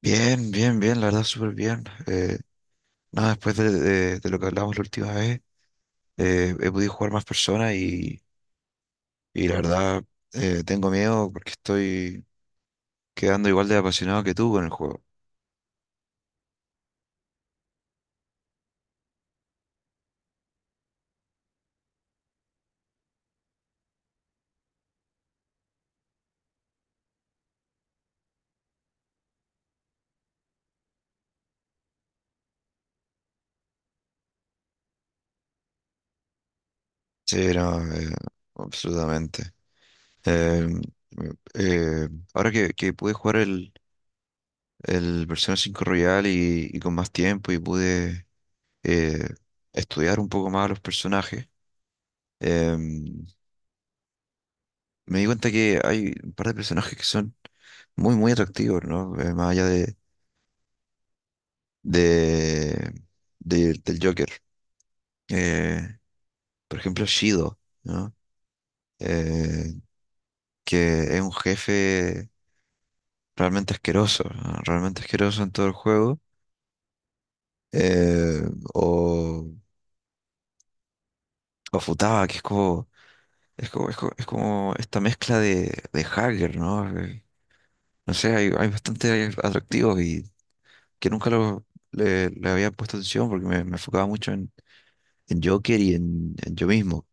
Bien, bien, bien, la verdad, súper bien. Nada, Después de lo que hablamos la última vez, he podido jugar más personas y la verdad tengo miedo porque estoy quedando igual de apasionado que tú con el juego. Sí, no, absolutamente. Eh, eh, Ahora que pude jugar el Persona cinco Royal y con más tiempo y pude eh, estudiar un poco más a los personajes, em, me di cuenta que hay un par de personajes que son muy, muy atractivo, ¿no? Más allá de, del Joker. Eh, por ejemplo, Shido, ¿no? Eh, que es un jefe realmente asqueroso, ¿no? Realmente asqueroso en todo el juego. Eh, o, o Futaba, que es es como esta mezcla de hacker, ¿no? No sé, hay bastante atractivos y que nunca le había puesto atención porque me enfocaba mucho en Joker y en yo mismo.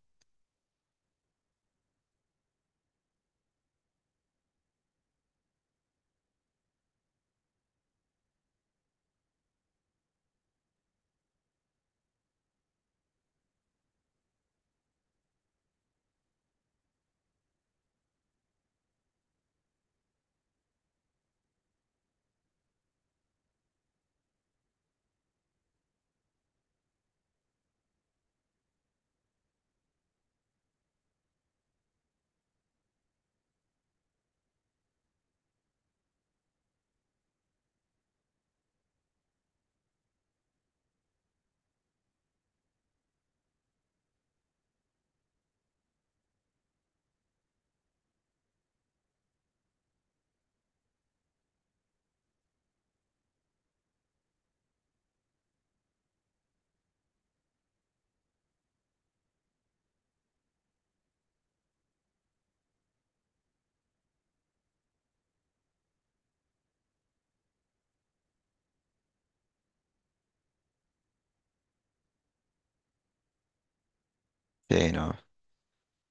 Sí, no.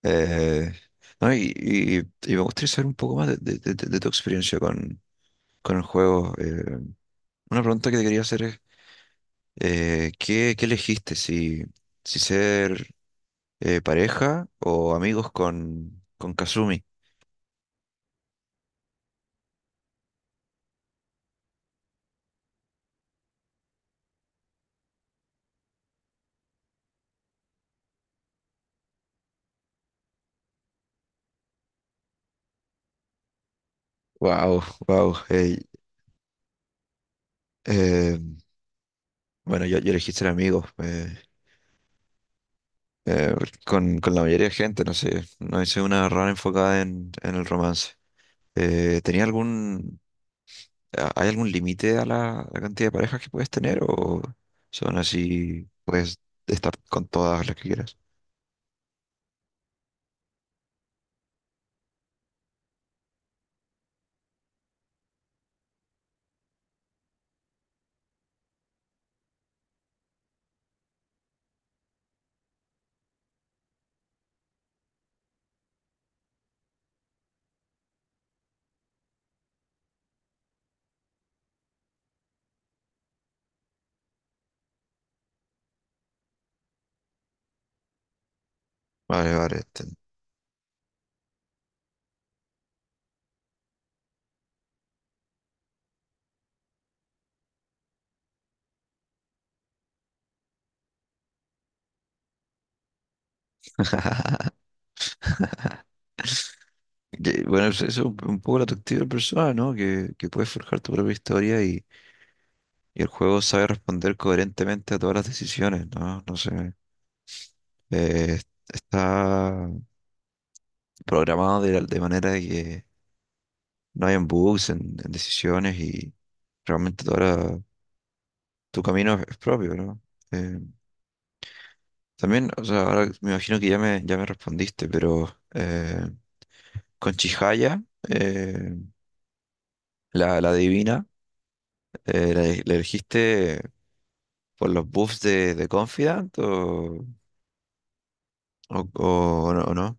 Eh, no, y, y- y me gustaría saber un poco más de tu experiencia con el juego. Una pregunta que te quería hacer es, ¿qué, qué elegiste? Si, si ser pareja o amigos con Kazumi. Wow, wow. Bueno, yo elegí ser amigos eh, con la mayoría de gente, no sé, no hice una rara enfocada en el romance. Eh, ¿tenía algún, ¿Hay algún límite a la, la cantidad de parejas que puedes tener o son así, puedes estar con todas las que quieras? Vale, vale. Entiendo. Bueno, eso es un poco la atractiva de la persona, ¿no? Que puedes forjar tu propia historia y el juego sabe responder coherentemente a todas las decisiones, ¿no? No sé. eh, Está programado de manera de que no hayan bugs en decisiones y realmente toda tu camino es propio, ¿no? Eh, también, o sea, ahora me imagino que ya ya me respondiste, pero eh, con Chihaya, eh, la, la divina, ¿ la elegiste por los buffs de Confidant o, o no?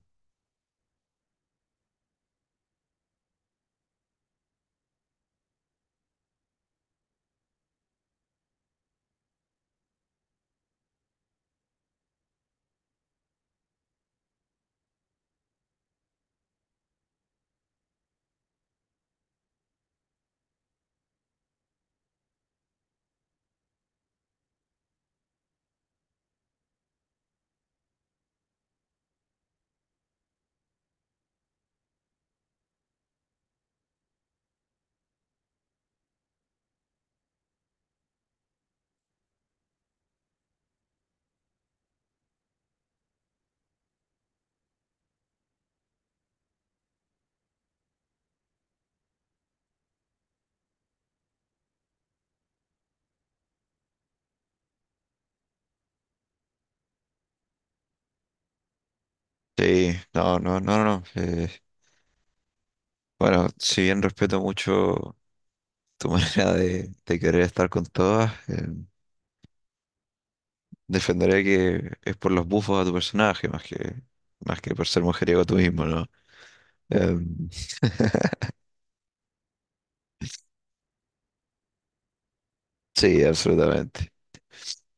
Sí, no. Eh, bueno, si bien respeto mucho tu manera de querer estar con todas, defenderé que es por los buffos a tu personaje, más que por ser mujeriego tú mismo, ¿no? Em, sí, absolutamente.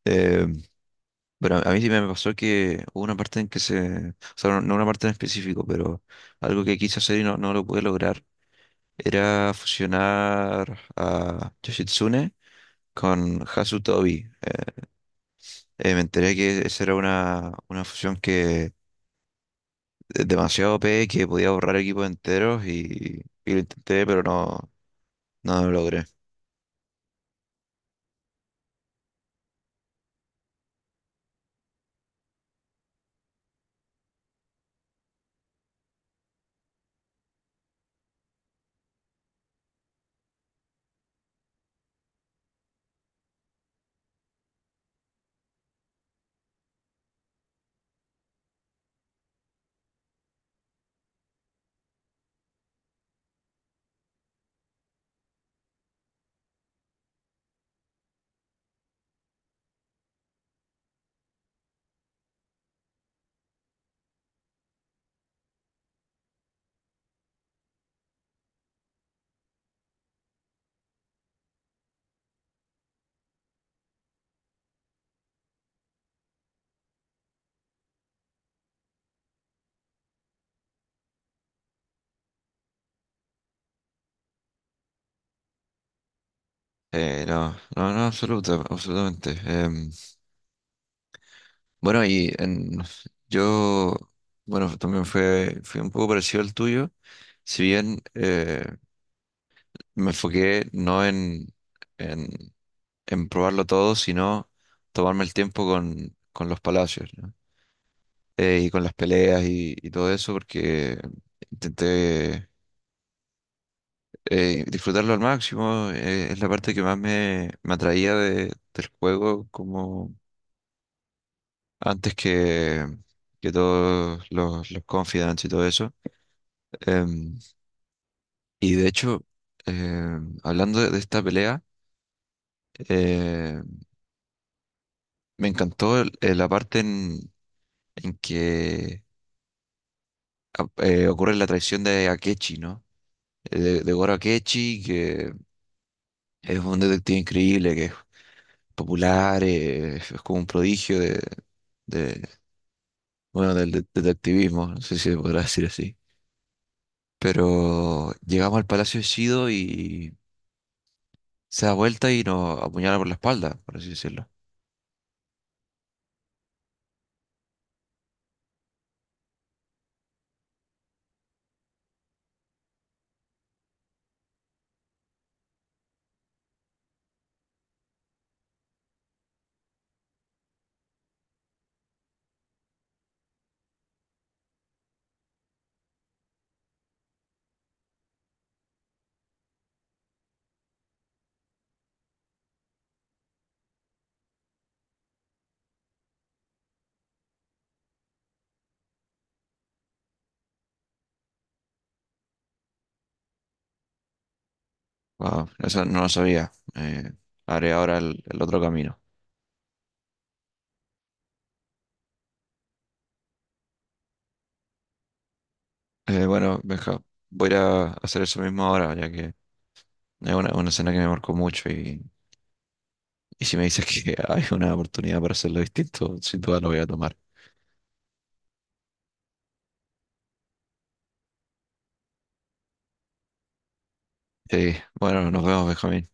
Em, Pero a mí sí me pasó que hubo una parte en que se, o sea, no una parte en específico, pero algo que quise hacer y no, no lo pude lograr, era fusionar a Yoshitsune con Hasutobi. Me enteré que esa era una fusión que es demasiado OP, que podía borrar equipos enteros y lo intenté, pero no, no lo logré. No, no, no, absoluta, Absolutamente. Bueno, y en, yo, bueno, también fue un poco parecido al tuyo. Si bien me enfoqué no en, en probarlo todo, sino tomarme el tiempo con los palacios, ¿no? Y con las peleas y todo eso, porque intenté disfrutarlo al máximo. Eh, es la parte que más me atraía de- del juego, como antes que todos los confidants y todo eso. Em, y de hecho, hablando de esta pelea, eh, me encantó la parte en que ocurre la traición de Akechi, ¿no? De Goro Akechi, que es un detective increíble, que es popular, es como un prodigio de- bueno, del detectivismo, no sé si se podrá decir así. Pero llegamos al Palacio de Shido y se da vuelta y nos apuñala por la espalda, por así decirlo. Wow, eso no lo sabía. Haré ahora el otro camino. Bueno, Benja, voy a ir a hacer eso mismo ahora, ya que es una escena que me marcó mucho y si me dices que hay una oportunidad para hacerlo distinto, sin duda lo voy a tomar. Sí, bueno, nos vemos, Benjamín.